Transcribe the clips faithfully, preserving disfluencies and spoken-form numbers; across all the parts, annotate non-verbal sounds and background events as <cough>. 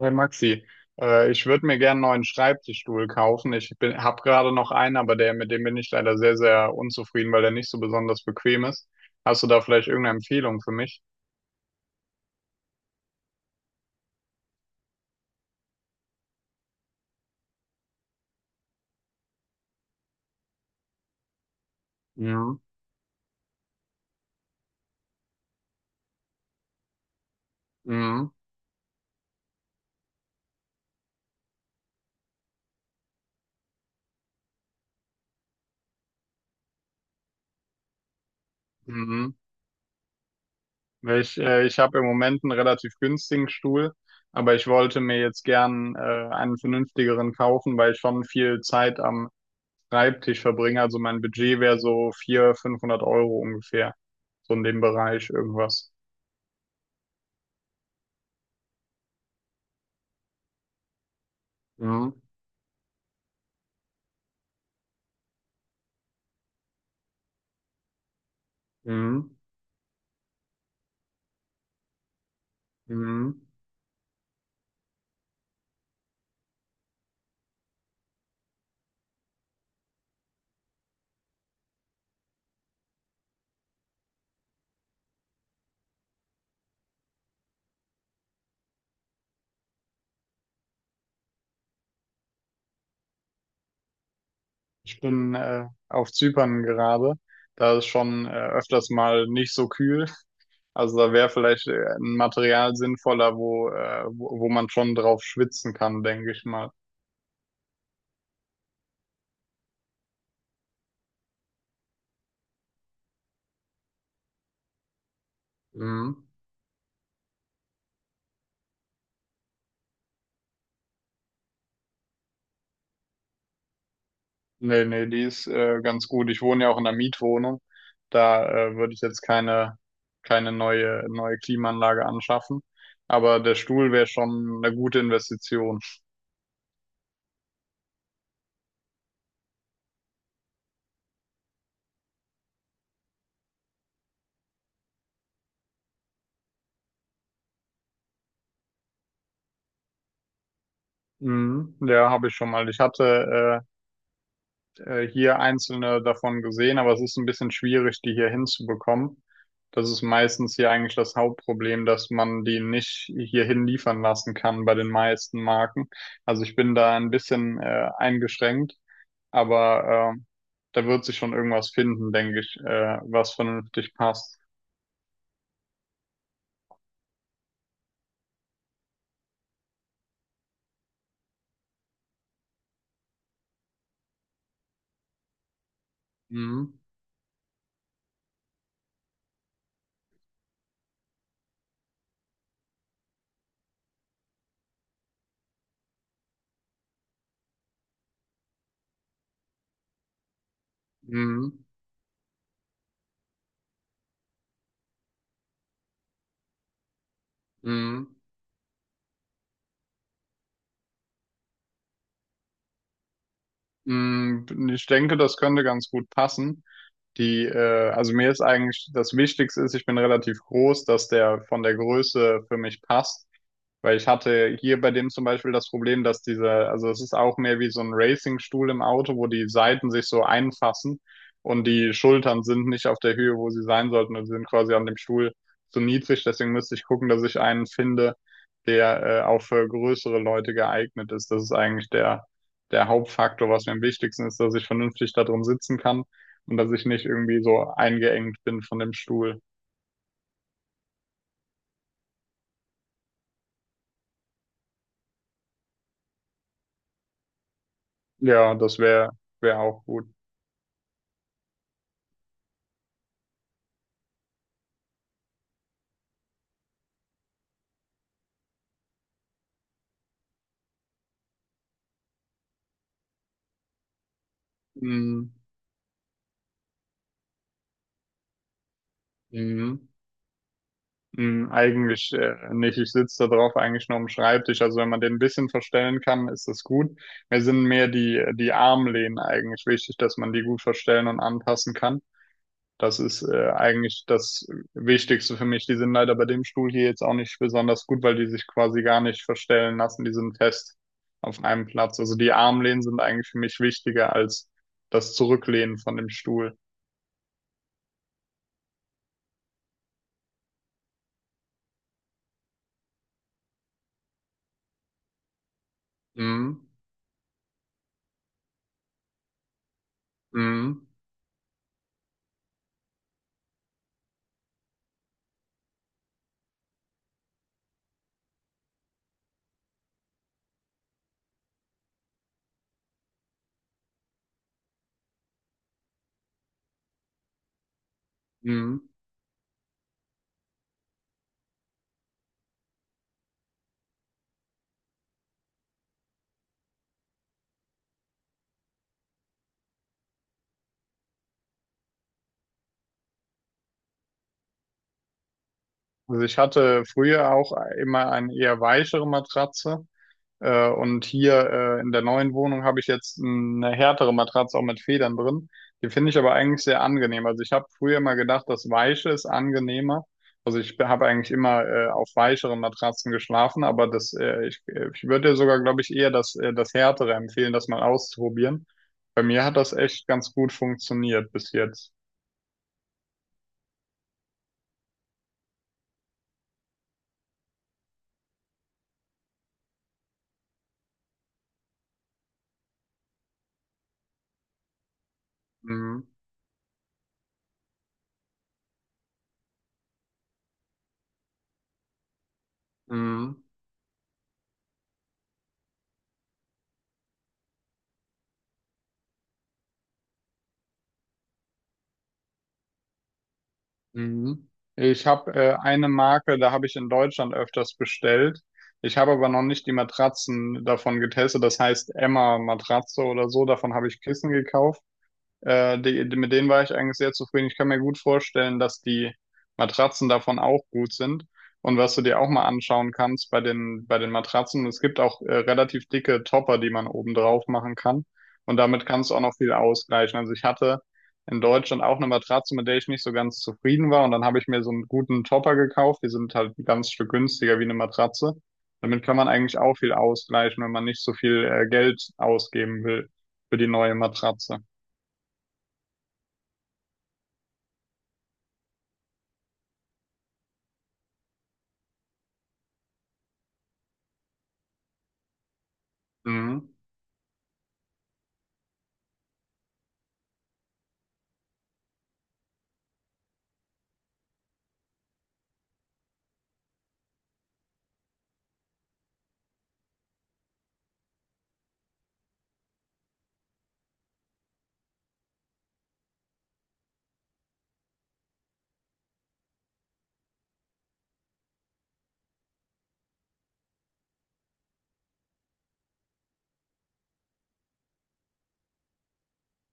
Hey Maxi, äh, ich würde mir gern einen neuen Schreibtischstuhl kaufen. Ich bin, habe gerade noch einen, aber der, mit dem bin ich leider sehr, sehr unzufrieden, weil der nicht so besonders bequem ist. Hast du da vielleicht irgendeine Empfehlung für mich? Mhm. Mhm. Mhm. Weil Ich, äh, ich habe im Moment einen relativ günstigen Stuhl, aber ich wollte mir jetzt gern äh, einen vernünftigeren kaufen, weil ich schon viel Zeit am Schreibtisch verbringe. Also mein Budget wäre so vierhundert, fünfhundert Euro ungefähr, so in dem Bereich irgendwas. Mhm. Mhm. Mhm. Bin äh, auf Zypern gerade. Da ist schon äh, öfters mal nicht so kühl. Also da wäre vielleicht äh, ein Material sinnvoller, wo, äh, wo, wo man schon drauf schwitzen kann, denke ich mal. Mhm. Nee, nee, die ist äh, ganz gut. Ich wohne ja auch in einer Mietwohnung. Da äh, würde ich jetzt keine, keine neue, neue Klimaanlage anschaffen. Aber der Stuhl wäre schon eine gute Investition. Mhm. Ja, habe ich schon mal. Ich hatte äh, äh, hier einzelne davon gesehen, aber es ist ein bisschen schwierig, die hier hinzubekommen. Das ist meistens hier eigentlich das Hauptproblem, dass man die nicht hierhin liefern lassen kann bei den meisten Marken. Also ich bin da ein bisschen äh, eingeschränkt, aber äh, da wird sich schon irgendwas finden, denke ich, äh, was vernünftig passt. Mhm. Mhm. Mhm. Mhm. Ich denke, das könnte ganz gut passen. Die, äh, also mir ist eigentlich das Wichtigste ist, ich bin relativ groß, dass der von der Größe für mich passt. Weil ich hatte hier bei dem zum Beispiel das Problem, dass diese, also es ist auch mehr wie so ein Racingstuhl im Auto, wo die Seiten sich so einfassen und die Schultern sind nicht auf der Höhe, wo sie sein sollten und sind quasi an dem Stuhl zu niedrig. Deswegen müsste ich gucken, dass ich einen finde, der äh, auch für größere Leute geeignet ist. Das ist eigentlich der, der Hauptfaktor, was mir am wichtigsten ist, dass ich vernünftig da drin sitzen kann und dass ich nicht irgendwie so eingeengt bin von dem Stuhl. Ja, das wäre, wäre auch gut. Mhm. Mhm. Hm, eigentlich äh, nicht. Ich sitze da drauf eigentlich nur am Schreibtisch. Also wenn man den ein bisschen verstellen kann, ist das gut. Mir sind mehr die, die Armlehnen eigentlich wichtig, dass man die gut verstellen und anpassen kann. Das ist äh, eigentlich das Wichtigste für mich. Die sind leider bei dem Stuhl hier jetzt auch nicht besonders gut, weil die sich quasi gar nicht verstellen lassen. Die sind fest auf einem Platz. Also die Armlehnen sind eigentlich für mich wichtiger als das Zurücklehnen von dem Stuhl. Mhm. Mhm. Mhm. Also ich hatte früher auch immer eine eher weichere Matratze. Äh, und hier äh, in der neuen Wohnung habe ich jetzt eine härtere Matratze auch mit Federn drin. Die finde ich aber eigentlich sehr angenehm. Also ich habe früher immer gedacht, das Weiche ist angenehmer. Also ich habe eigentlich immer äh, auf weicheren Matratzen geschlafen, aber das, äh, ich, äh, ich würde dir sogar, glaube ich, eher das, äh, das härtere empfehlen, das mal auszuprobieren. Bei mir hat das echt ganz gut funktioniert bis jetzt. Mhm. Mhm. Mhm. Ich habe äh, eine Marke, da habe ich in Deutschland öfters bestellt. Ich habe aber noch nicht die Matratzen davon getestet. Das heißt Emma Matratze oder so. Davon habe ich Kissen gekauft. Äh, die, die, mit denen war ich eigentlich sehr zufrieden. Ich kann mir gut vorstellen, dass die Matratzen davon auch gut sind. Und was du dir auch mal anschauen kannst bei den, bei den Matratzen, es gibt auch äh, relativ dicke Topper, die man oben drauf machen kann. Und damit kannst du auch noch viel ausgleichen. Also ich hatte in Deutschland auch eine Matratze, mit der ich nicht so ganz zufrieden war. Und dann habe ich mir so einen guten Topper gekauft. Die sind halt ein ganz Stück günstiger wie eine Matratze. Damit kann man eigentlich auch viel ausgleichen, wenn man nicht so viel äh, Geld ausgeben will für die neue Matratze. Mhm.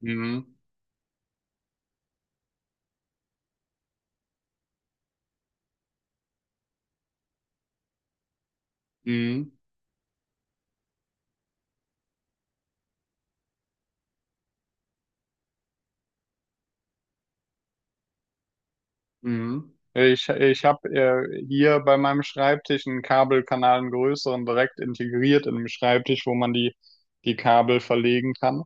Mhm. Mhm. Mhm. Ich, ich habe äh, hier bei meinem Schreibtisch einen Kabelkanal, einen größeren, direkt integriert in dem Schreibtisch, wo man die, die Kabel verlegen kann.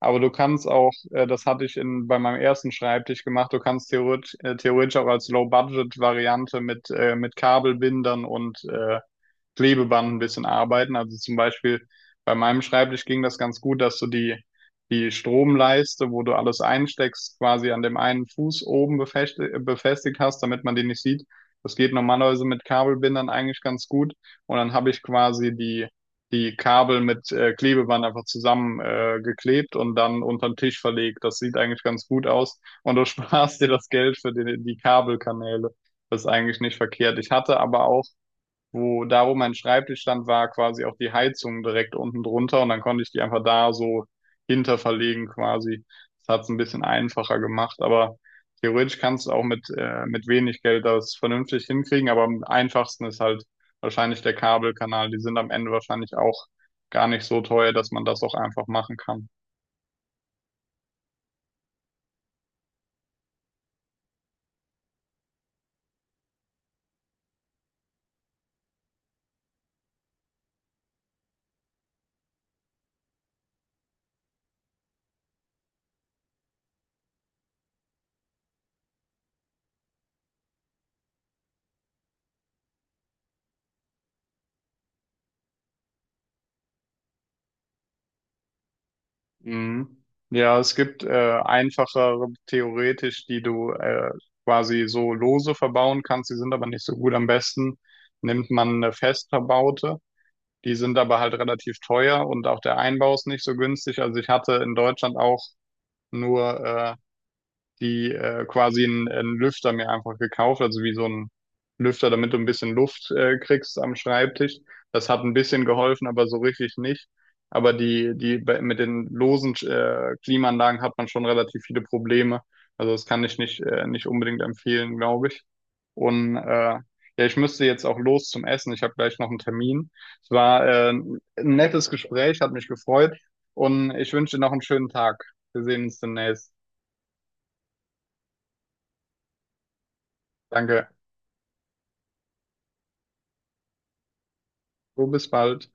Aber du kannst auch, äh, das hatte ich in, bei meinem ersten Schreibtisch gemacht, du kannst theoretisch, äh, theoretisch auch als Low-Budget-Variante mit, äh, mit Kabelbindern und äh, Klebeband ein bisschen arbeiten. Also zum Beispiel bei meinem Schreibtisch ging das ganz gut, dass du die, die Stromleiste, wo du alles einsteckst, quasi an dem einen Fuß oben befestigt, befestigt hast, damit man den nicht sieht. Das geht normalerweise mit Kabelbindern eigentlich ganz gut. Und dann habe ich quasi die, die Kabel mit äh, Klebeband einfach zusammen äh, geklebt und dann unterm Tisch verlegt. Das sieht eigentlich ganz gut aus. Und du <laughs> sparst dir das Geld für die, die Kabelkanäle. Das ist eigentlich nicht verkehrt. Ich hatte aber auch wo da, wo mein Schreibtisch stand, war quasi auch die Heizung direkt unten drunter und dann konnte ich die einfach da so hinter verlegen quasi. Das hat es ein bisschen einfacher gemacht, aber theoretisch kannst du auch mit, äh, mit wenig Geld das vernünftig hinkriegen, aber am einfachsten ist halt wahrscheinlich der Kabelkanal. Die sind am Ende wahrscheinlich auch gar nicht so teuer, dass man das auch einfach machen kann. Mhm. Ja, es gibt äh, einfachere theoretisch, die du äh, quasi so lose verbauen kannst. Die sind aber nicht so gut. Am besten nimmt man eine fest verbaute. Die sind aber halt relativ teuer und auch der Einbau ist nicht so günstig. Also ich hatte in Deutschland auch nur äh, die äh, quasi einen, einen Lüfter mir einfach gekauft, also wie so ein Lüfter, damit du ein bisschen Luft äh, kriegst am Schreibtisch. Das hat ein bisschen geholfen, aber so richtig nicht. Aber die, die bei- mit den losen äh, Klimaanlagen hat man schon relativ viele Probleme. Also das kann ich nicht, äh, nicht unbedingt empfehlen, glaube ich. Und äh, ja, ich müsste jetzt auch los zum Essen. Ich habe gleich noch einen Termin. Es war äh, ein nettes Gespräch, hat mich gefreut und ich wünsche dir noch einen schönen Tag. Wir sehen uns demnächst. Danke. So, bis bald.